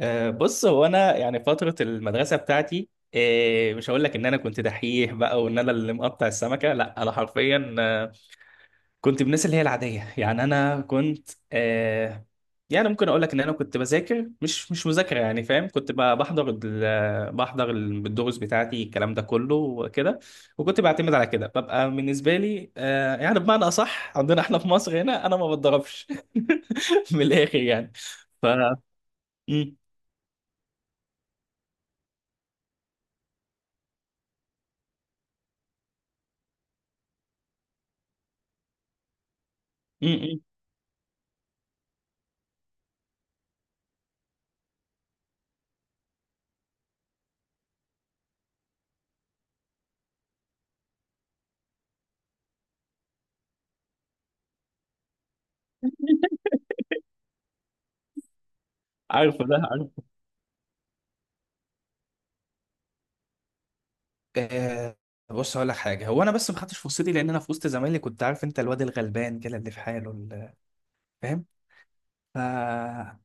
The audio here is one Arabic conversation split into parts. بص هو انا يعني فتره المدرسه بتاعتي. مش هقول لك ان انا كنت دحيح بقى وان انا اللي مقطع السمكه. لا انا حرفيا كنت من الناس اللي هي العاديه، يعني انا كنت، يعني ممكن اقول لك ان انا كنت بذاكر مش مذاكره يعني، فاهم؟ كنت بحضر بحضر الدروس بتاعتي الكلام ده كله وكده. وكنت بعتمد على كده ببقى بالنسبه لي، يعني بمعنى اصح عندنا احنا في مصر هنا انا ما بتضربش من الاخر يعني. ف م- م- م. عارفه ده، عارفه. آه بص هقول لك حاجه، هو انا بس ما خدتش فرصتي لان انا في وسط زمايلي كنت، عارف انت الواد الغلبان كده اللي في حاله فاهم؟ ف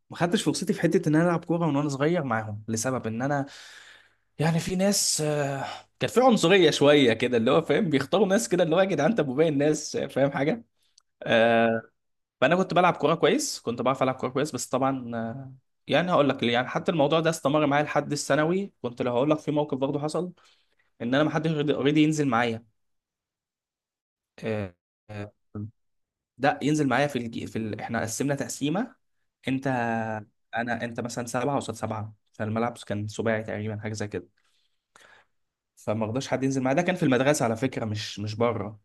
ما خدتش فرصتي في حته ان انا العب كوره من وانا صغير معاهم، لسبب ان انا يعني في ناس، كان في عنصريه شويه كده اللي هو فاهم، بيختاروا ناس كده اللي هو يا جدعان انت ابو باقي الناس، فاهم حاجه؟ آه. فانا كنت بلعب كوره كويس، كنت بعرف العب كوره كويس بس طبعا، يعني هقول لك ليه. يعني حتى الموضوع ده استمر معايا لحد الثانوي، كنت لو هقول لك في موقف برضه حصل، ان انا ما حدش رضي ينزل معايا. آه، آه، ده ينزل معايا في احنا قسمنا تقسيمه، انت انا انت مثلا سبعه قصاد سبعه، فالملعب كان سباعي تقريبا حاجه زي كده. فما رضاش حد ينزل معايا، ده كان في المدرسه على فكره، مش بره.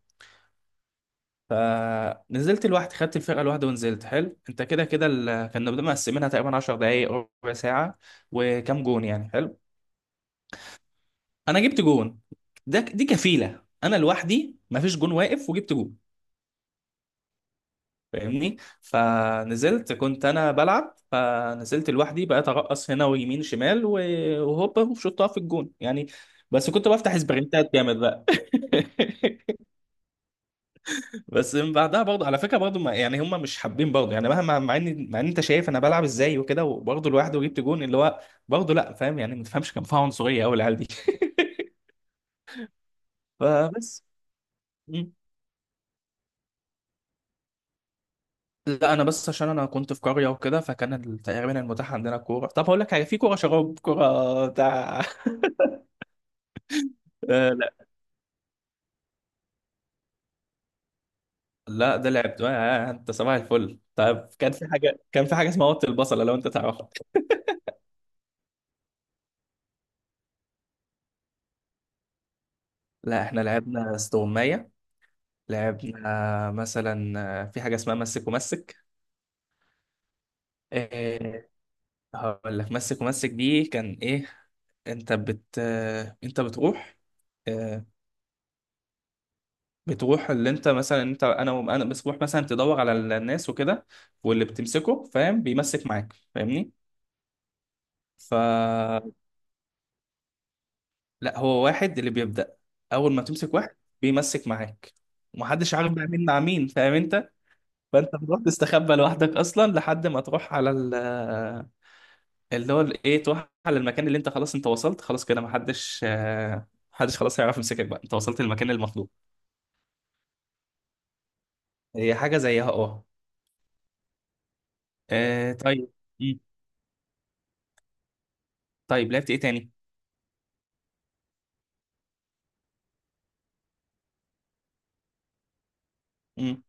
فنزلت لوحدي، خدت الفرقه لوحدي ونزلت، حلو؟ انت كده كده كنا بنبقى مقسمينها تقريبا 10 دقائق ربع ساعه، وكام جون يعني. حلو، انا جبت جون. ده دي كفيله، انا لوحدي ما فيش جون واقف وجبت جون. فاهمني؟ فنزلت كنت انا بلعب، فنزلت لوحدي بقيت ارقص هنا ويمين شمال وهوبا وشطها في الجون يعني. بس كنت بفتح سبرنتات جامد بقى. بس من بعدها برضه، على فكره برضه يعني هم مش حابين برضه، يعني مهما مع ان انت شايف انا بلعب ازاي وكده، وبرضه لوحدي وجبت جون اللي هو، برضه لا فاهم يعني، ما تفهمش، كان فيها عنصريه قوي العيال دي. فبس. مم. لا انا بس عشان انا كنت في قريه وكده، فكان تقريبا المتاح عندنا كوره. طب هقول لك حاجه، في كوره شراب كوره بتاع، آه لا. لا ده لعبته آه، انت صباح الفل. طيب كان في حاجه، كان في حاجه اسمها وط البصله لو انت تعرفها. لا احنا لعبنا استغمايه، لعبنا مثلا، في حاجه اسمها مسك ومسك. آه هقول لك، مسك ومسك دي كان ايه؟ انت بت آه، انت بتروح، آه، بتروح اللي انت مثلا انت انا انا بتروح مثلا تدور على الناس وكده، واللي بتمسكه فاهم بيمسك معاك. فاهمني؟ ف لا هو واحد اللي بيبدأ. أول ما تمسك واحد بيمسك معاك، ومحدش عارف بقى مين مع مين، فاهم أنت؟ فأنت بتروح تستخبى لوحدك أصلا لحد ما تروح على اللي هو ال- إيه تروح على المكان اللي أنت خلاص أنت وصلت، خلاص كده محدش، محدش خلاص هيعرف يمسكك بقى، أنت وصلت للمكان المطلوب. هي حاجة زيها أه. طيب. مم. طيب لعبت إيه تاني؟ مم.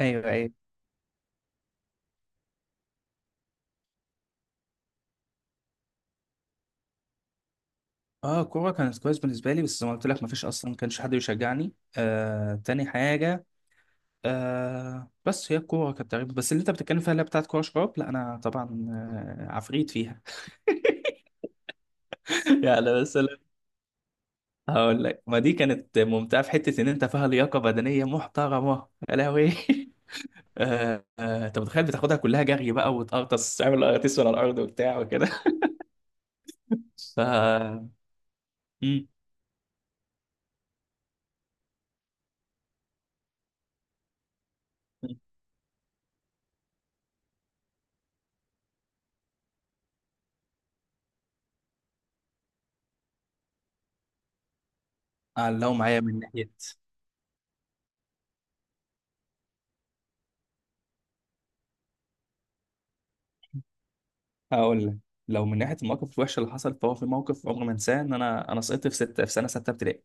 ايوه ايوه. اه الكوره كانت كويس بالنسبه لي، بس زي ما قلت لك ما فيش اصلا، ما كانش حد يشجعني. آه تاني حاجه، آه بس هي الكورة كانت تقريبا. بس اللي انت بتتكلم فيها اللي هي بتاعت كورة شراب، لا انا طبعا، عفريت فيها. يعني مثلا، هقول لك ما دي كانت ممتعة في حتة ان انت فيها لياقة بدنية محترمة، يا لهوي. انت متخيل بتاخدها كلها جري بقى، وتقرطس تعمل قراطيس على الارض وبتاع وكده. ف مم. لو معايا من ناحية. هقول لك، لو من ناحية المواقف الوحشة اللي حصلت فهو في موقف عمري ما انساه، ان انا انا سقطت في ستة في سنة ستة ابتدائي.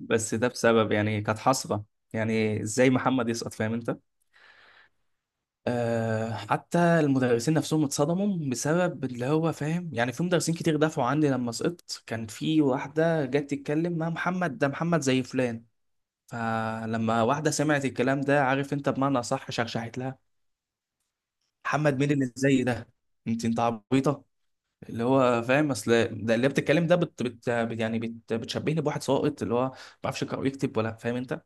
بس ده بسبب، يعني كانت حسرة يعني، ازاي محمد يسقط؟ فاهم انت؟ أه حتى المدرسين نفسهم اتصدموا بسبب اللي هو فاهم يعني، في مدرسين كتير دافعوا عني لما سقطت. كان في واحدة جت تتكلم، ما محمد ده محمد زي فلان. فلما واحدة سمعت الكلام ده عارف انت بمعنى صح، شرشحت لها. محمد مين اللي زي ده؟ انت انت عبيطة. اللي هو فاهم اصل، ده اللي بتتكلم ده بت بتشبهني بواحد ساقط اللي هو ما بيعرفش يقرأ ويكتب، ولا فاهم انت؟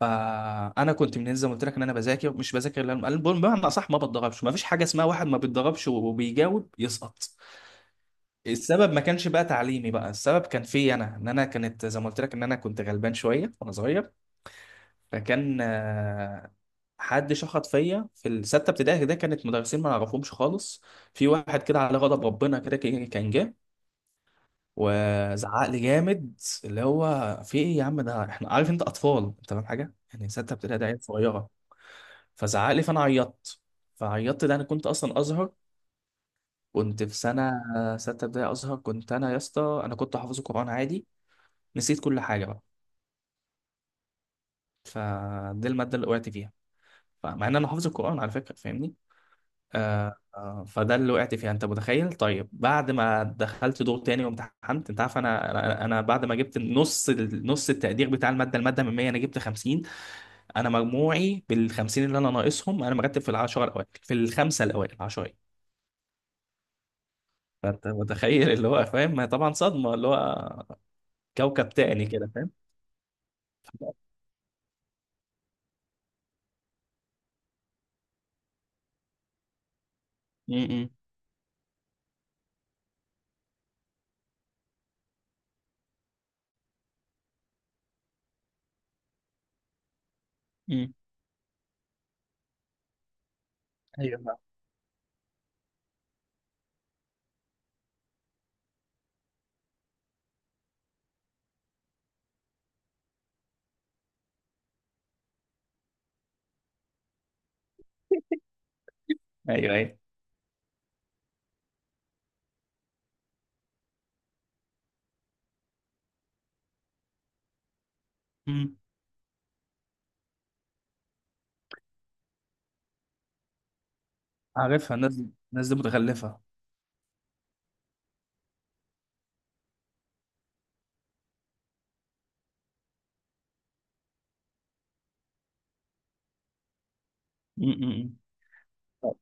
فانا كنت من زي ما قلت لك ان انا بذاكر مش بذاكر، أنا بقول بمعنى اصح ما بتدربش، ما فيش حاجه اسمها واحد ما بيتدربش وبيجاوب يسقط. السبب ما كانش بقى تعليمي بقى، السبب كان فيا انا، ان انا كانت زي ما قلت لك ان انا كنت غلبان شويه وانا صغير. فكان حد شخط فيا في السته ابتدائي ده، كانت مدرسين ما نعرفهمش خالص. في واحد كده على غضب ربنا كده كان جه وزعق لي جامد، اللي هو في ايه يا عم؟ ده احنا، عارف انت اطفال انت؟ فاهم حاجه؟ يعني سته ابتدائي ده عيال صغيره. فزعق لي فانا عيطت. فعيطت، ده انا كنت اصلا ازهر، كنت في سنه سته ابتدائي ازهر. كنت انا يا اسطى انا كنت حافظ القران عادي. نسيت كل حاجه بقى. فدي الماده اللي وقعت فيها، فمع ان انا حافظ القران على فكره. فاهمني؟ آه فده اللي وقعت فيها. انت متخيل؟ طيب بعد ما دخلت دور تاني وامتحنت انت عارف انا انا أنا بعد ما جبت نص نص التقدير بتاع الماده، الماده من 100 انا جبت 50. انا مجموعي بال 50 اللي انا ناقصهم، انا مرتب في العشره الاوائل في الخمسه الاوائل 10. فانت متخيل اللي هو فاهم، ما هي طبعا صدمه اللي هو، كوكب تاني كده فاهم. م- م- م. ايوه ايوه ايوه. م. عارفها، الناس دي الناس دي متخلفه. م- م- م. طب-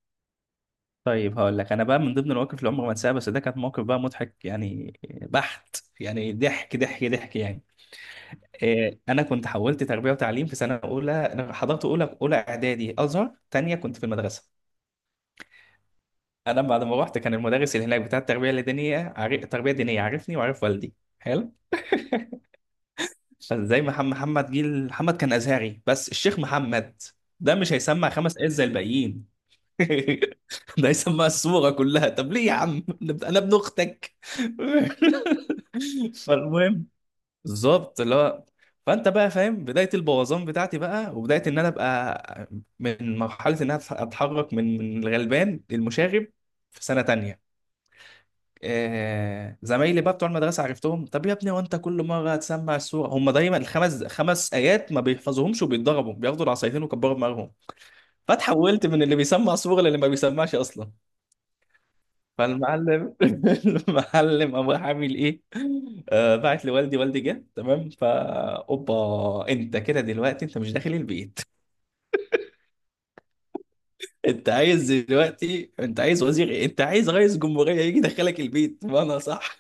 طيب هقول لك، انا بقى من ضمن المواقف اللي عمري ما انساها، بس ده كانت موقف بقى مضحك يعني، بحت يعني، ضحك يعني. إيه، انا كنت حولت تربيه وتعليم في سنه اولى، انا حضرت اولى اعدادي ازهر تانية كنت في المدرسه. انا بعد ما رحت كان المدرس اللي هناك بتاع التربيه الدينيه عارف، التربيه الدينيه عارفني وعارف والدي، حلو. زي محمد جيل محمد كان ازهري، بس الشيخ محمد ده مش هيسمع خمس آيات زي الباقيين. ده هيسمع السورة كلها، طب ليه يا عم انا ابن اختك. فالمهم، بالظبط اللي هو، فانت بقى فاهم بدايه البوظان بتاعتي بقى، وبدايه ان انا ابقى، من مرحله ان انا اتحرك من الغلبان للمشاغب في سنه تانية. زمايلي بقى بتوع المدرسه عرفتهم، طب يا ابني وانت كل مره هتسمع السوره؟ هم دايما الخمس خمس ايات ما بيحفظوهمش وبيتضربوا، بياخدوا العصايتين وكبروا دماغهم. فاتحولت من اللي بيسمع سوره للي ما بيسمعش اصلا. فالمعلم المعلم قام راح عامل ايه؟ آه بعت لوالدي، والدي جه تمام اوبا انت كده، دلوقتي انت مش داخل البيت. انت عايز دلوقتي انت عايز وزير ايه؟ انت عايز رئيس جمهوريه يجي يدخلك البيت، ما انا صح.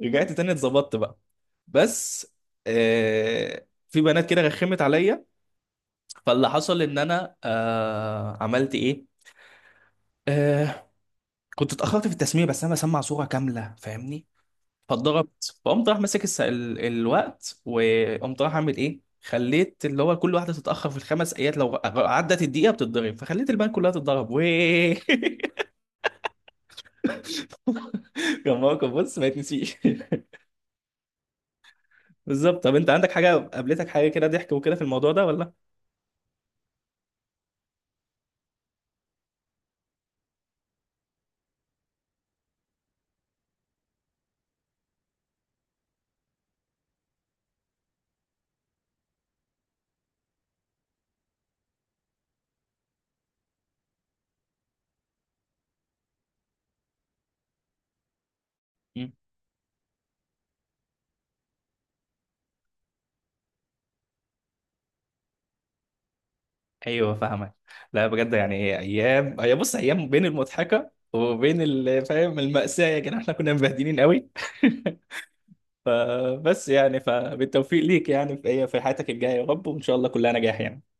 رجعت تاني اتظبطت بقى. بس آه في بنات كده رخمت عليا. فاللي حصل ان انا آه عملت ايه، آه كنت اتاخرت في التسميه، بس انا بسمع صوره كامله. فاهمني؟ فاتضربت، فقمت راح ماسك الوقت، وقمت راح اعمل ايه، خليت اللي هو كل واحده تتاخر في الخمس ايات لو عدت الدقيقه بتتضرب، فخليت البنات كلها تتضرب ويه. كان موقف بص ما يتنسيش. بالظبط. طب انت عندك حاجه قابلتك حاجه كده ضحك وكده في الموضوع ده ولا؟ ايوه فاهمك. لا بجد يعني، ايام هي بص، ايام بين المضحكه وبين فاهم المأساة يا جدعان، احنا كنا مبهدلين قوي. فبس يعني، فبالتوفيق ليك يعني في في حياتك الجايه يا رب، وان شاء الله كلها نجاح يعني.